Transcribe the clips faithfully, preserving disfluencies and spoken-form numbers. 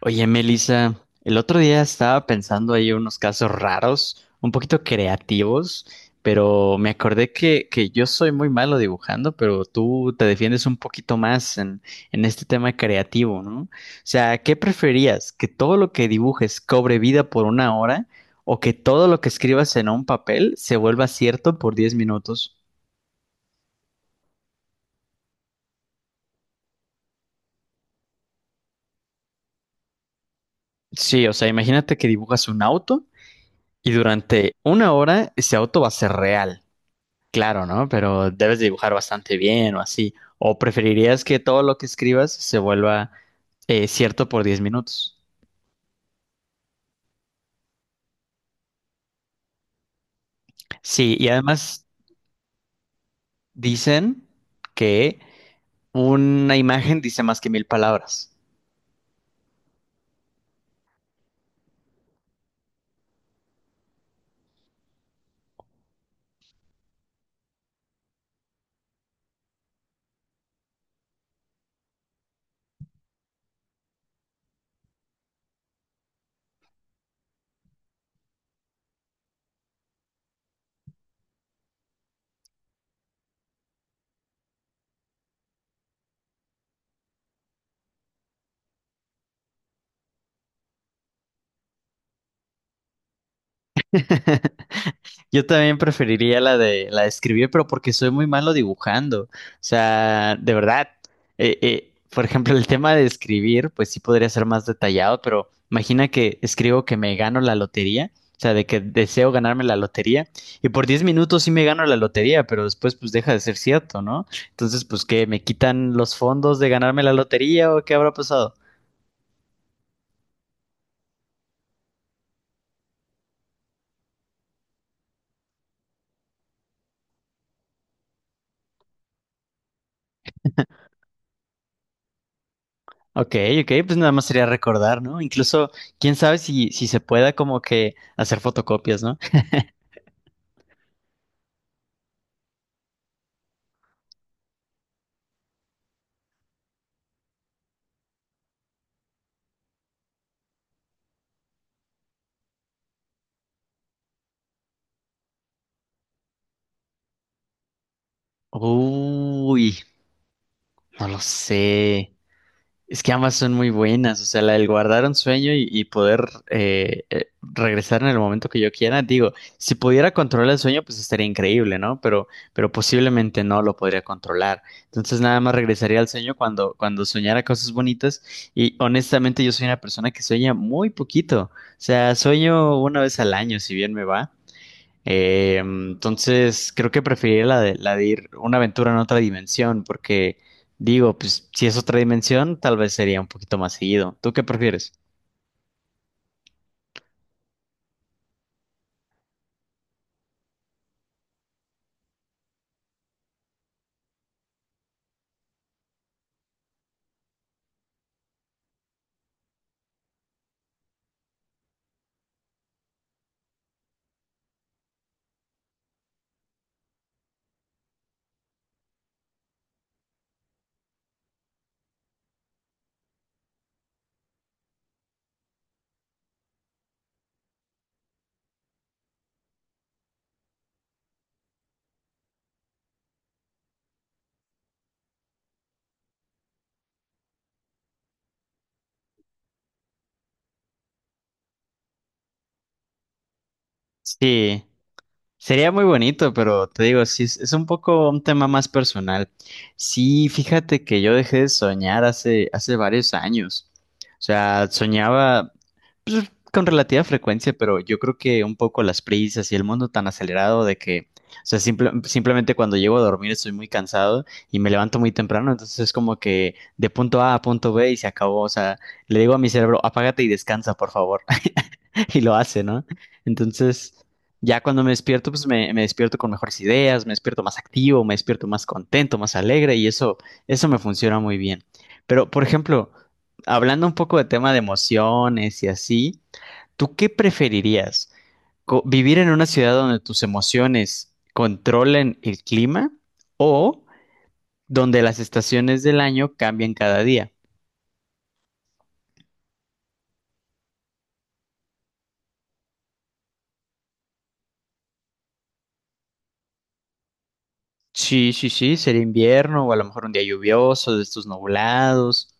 Oye, Melissa, el otro día estaba pensando ahí unos casos raros, un poquito creativos, pero me acordé que, que yo soy muy malo dibujando, pero tú te defiendes un poquito más en, en este tema creativo, ¿no? O sea, ¿qué preferías? ¿Que todo lo que dibujes cobre vida por una hora o que todo lo que escribas en un papel se vuelva cierto por diez minutos? Sí, o sea, imagínate que dibujas un auto y durante una hora ese auto va a ser real. Claro, ¿no? Pero debes dibujar bastante bien o así. ¿O preferirías que todo lo que escribas se vuelva eh, cierto por diez minutos? Sí, y además dicen que una imagen dice más que mil palabras. Yo también preferiría la de la de escribir, pero porque soy muy malo dibujando. O sea, de verdad. Eh, eh, por ejemplo, el tema de escribir, pues sí podría ser más detallado, pero imagina que escribo que me gano la lotería, o sea, de que deseo ganarme la lotería, y por diez minutos sí me gano la lotería, pero después pues deja de ser cierto, ¿no? Entonces, pues que me quitan los fondos de ganarme la lotería o qué habrá pasado. Ok, ok, pues nada más sería recordar, ¿no? Incluso, quién sabe si, si se pueda como que hacer fotocopias, ¿no? Uy, no lo sé. Es que ambas son muy buenas, o sea, la del guardar un sueño y, y poder eh, eh, regresar en el momento que yo quiera. Digo, si pudiera controlar el sueño, pues estaría increíble, ¿no? Pero, pero posiblemente no lo podría controlar. Entonces nada más regresaría al sueño cuando, cuando soñara cosas bonitas. Y honestamente yo soy una persona que sueña muy poquito. O sea, sueño una vez al año, si bien me va. Eh, entonces, creo que preferiría la de, la de ir una aventura en otra dimensión, porque digo, pues si es otra dimensión, tal vez sería un poquito más seguido. ¿Tú qué prefieres? Sí. Sería muy bonito, pero te digo, sí, es, es un poco un tema más personal. Sí, fíjate que yo dejé de soñar hace, hace varios años. O sea, soñaba pues, con relativa frecuencia, pero yo creo que un poco las prisas y el mundo tan acelerado de que, o sea, simple- simplemente cuando llego a dormir estoy muy cansado y me levanto muy temprano, entonces es como que de punto A a punto be y se acabó. O sea, le digo a mi cerebro, apágate y descansa, por favor. Y lo hace, ¿no? Entonces. Ya cuando me despierto, pues me, me despierto con mejores ideas, me despierto más activo, me despierto más contento, más alegre y eso, eso me funciona muy bien. Pero, por ejemplo, hablando un poco de tema de emociones y así, ¿tú qué preferirías? Co- ¿Vivir en una ciudad donde tus emociones controlen el clima o donde las estaciones del año cambian cada día? Sí, sí, sí, sería invierno o a lo mejor un día lluvioso, de estos nublados.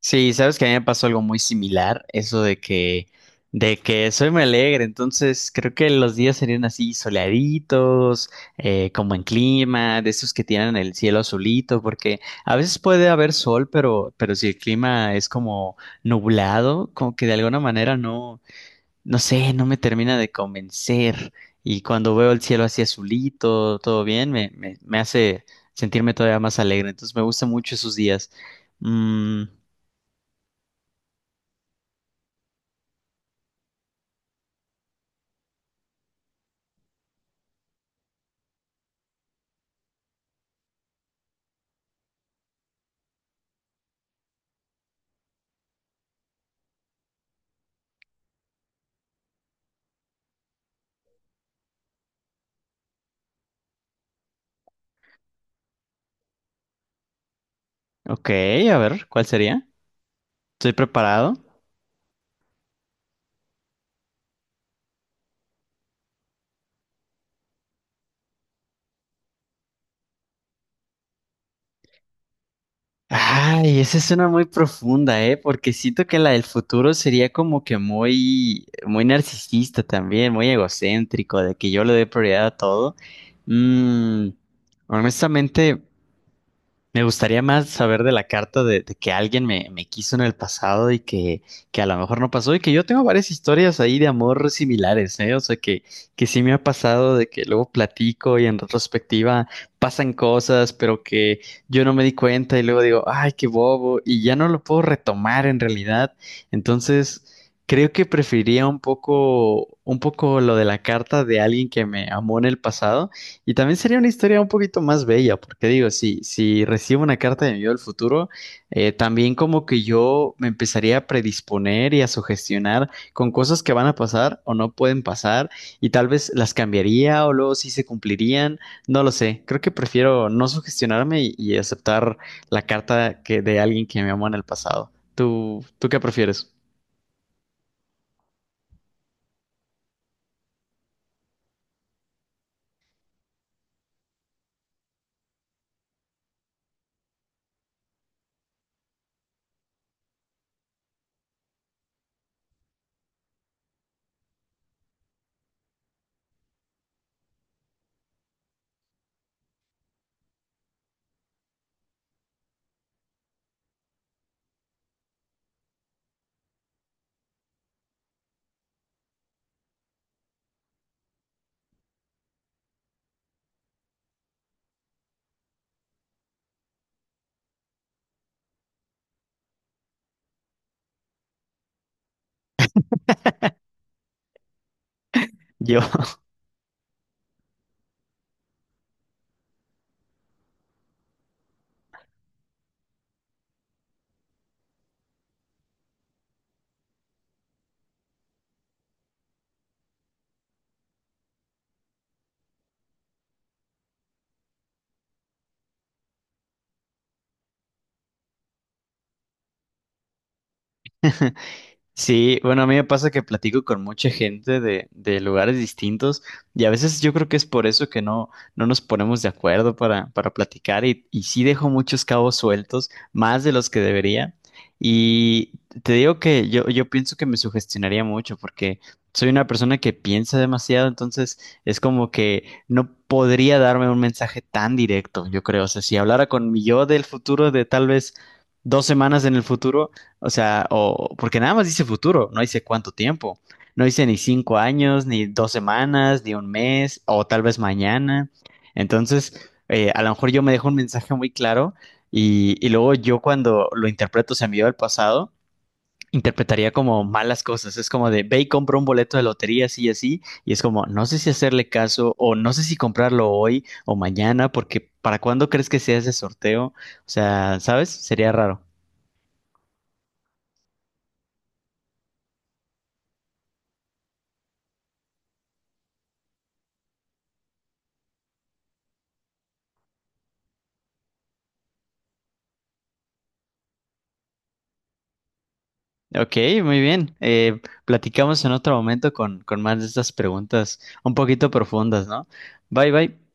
Sí, sabes que a mí me pasó algo muy similar, eso de que, de que, soy muy alegre, entonces creo que los días serían así soleaditos, eh, como en clima, de esos que tienen el cielo azulito, porque a veces puede haber sol, pero, pero si el clima es como nublado, como que de alguna manera no, no sé, no me termina de convencer. Y cuando veo el cielo así azulito, todo bien, me, me, me hace sentirme todavía más alegre, entonces me gustan mucho esos días. Mm. Ok, a ver, ¿cuál sería? ¿Estoy preparado? Ay, esa es una muy profunda, ¿eh? Porque siento que la del futuro sería como que muy, muy narcisista también, muy egocéntrico, de que yo le doy prioridad a todo. Mm, Honestamente. Me gustaría más saber de la carta de, de que alguien me, me quiso en el pasado y que, que a lo mejor no pasó y que yo tengo varias historias ahí de amor similares, ¿eh? O sea, que, que sí me ha pasado de que luego platico y en retrospectiva pasan cosas, pero que yo no me di cuenta y luego digo, ay, qué bobo, y ya no lo puedo retomar en realidad. Entonces, creo que preferiría un poco, un poco lo de la carta de alguien que me amó en el pasado y también sería una historia un poquito más bella, porque digo, si, si recibo una carta de mi yo del futuro, eh, también como que yo me empezaría a predisponer y a sugestionar con cosas que van a pasar o no pueden pasar, y tal vez las cambiaría o luego sí se cumplirían, no lo sé. Creo que prefiero no sugestionarme y, y aceptar la carta que, de alguien que me amó en el pasado. ¿Tú, tú ¿qué prefieres? Yo. Sí, bueno, a mí me pasa que platico con mucha gente de, de lugares distintos y a veces yo creo que es por eso que no, no nos ponemos de acuerdo para, para platicar y, y sí dejo muchos cabos sueltos, más de los que debería. Y te digo que yo, yo pienso que me sugestionaría mucho porque soy una persona que piensa demasiado, entonces es como que no podría darme un mensaje tan directo, yo creo. O sea, si hablara con mi yo del futuro, de tal vez dos semanas en el futuro o sea, o porque nada más dice futuro, no dice cuánto tiempo. No dice ni cinco años, ni dos semanas, ni un mes, o tal vez mañana. Entonces, eh, a lo mejor yo me dejo un mensaje muy claro y, y luego yo cuando lo interpreto, se me envió al pasado, interpretaría como malas cosas. Es como de, ve y compra un boleto de lotería así y así. Y es como, no sé si hacerle caso o no sé si comprarlo hoy o mañana, porque ¿para cuándo crees que sea ese sorteo? O sea, ¿sabes? Sería raro. Ok, muy bien. Eh, platicamos en otro momento con, con más de estas preguntas un poquito profundas, ¿no? Bye, bye.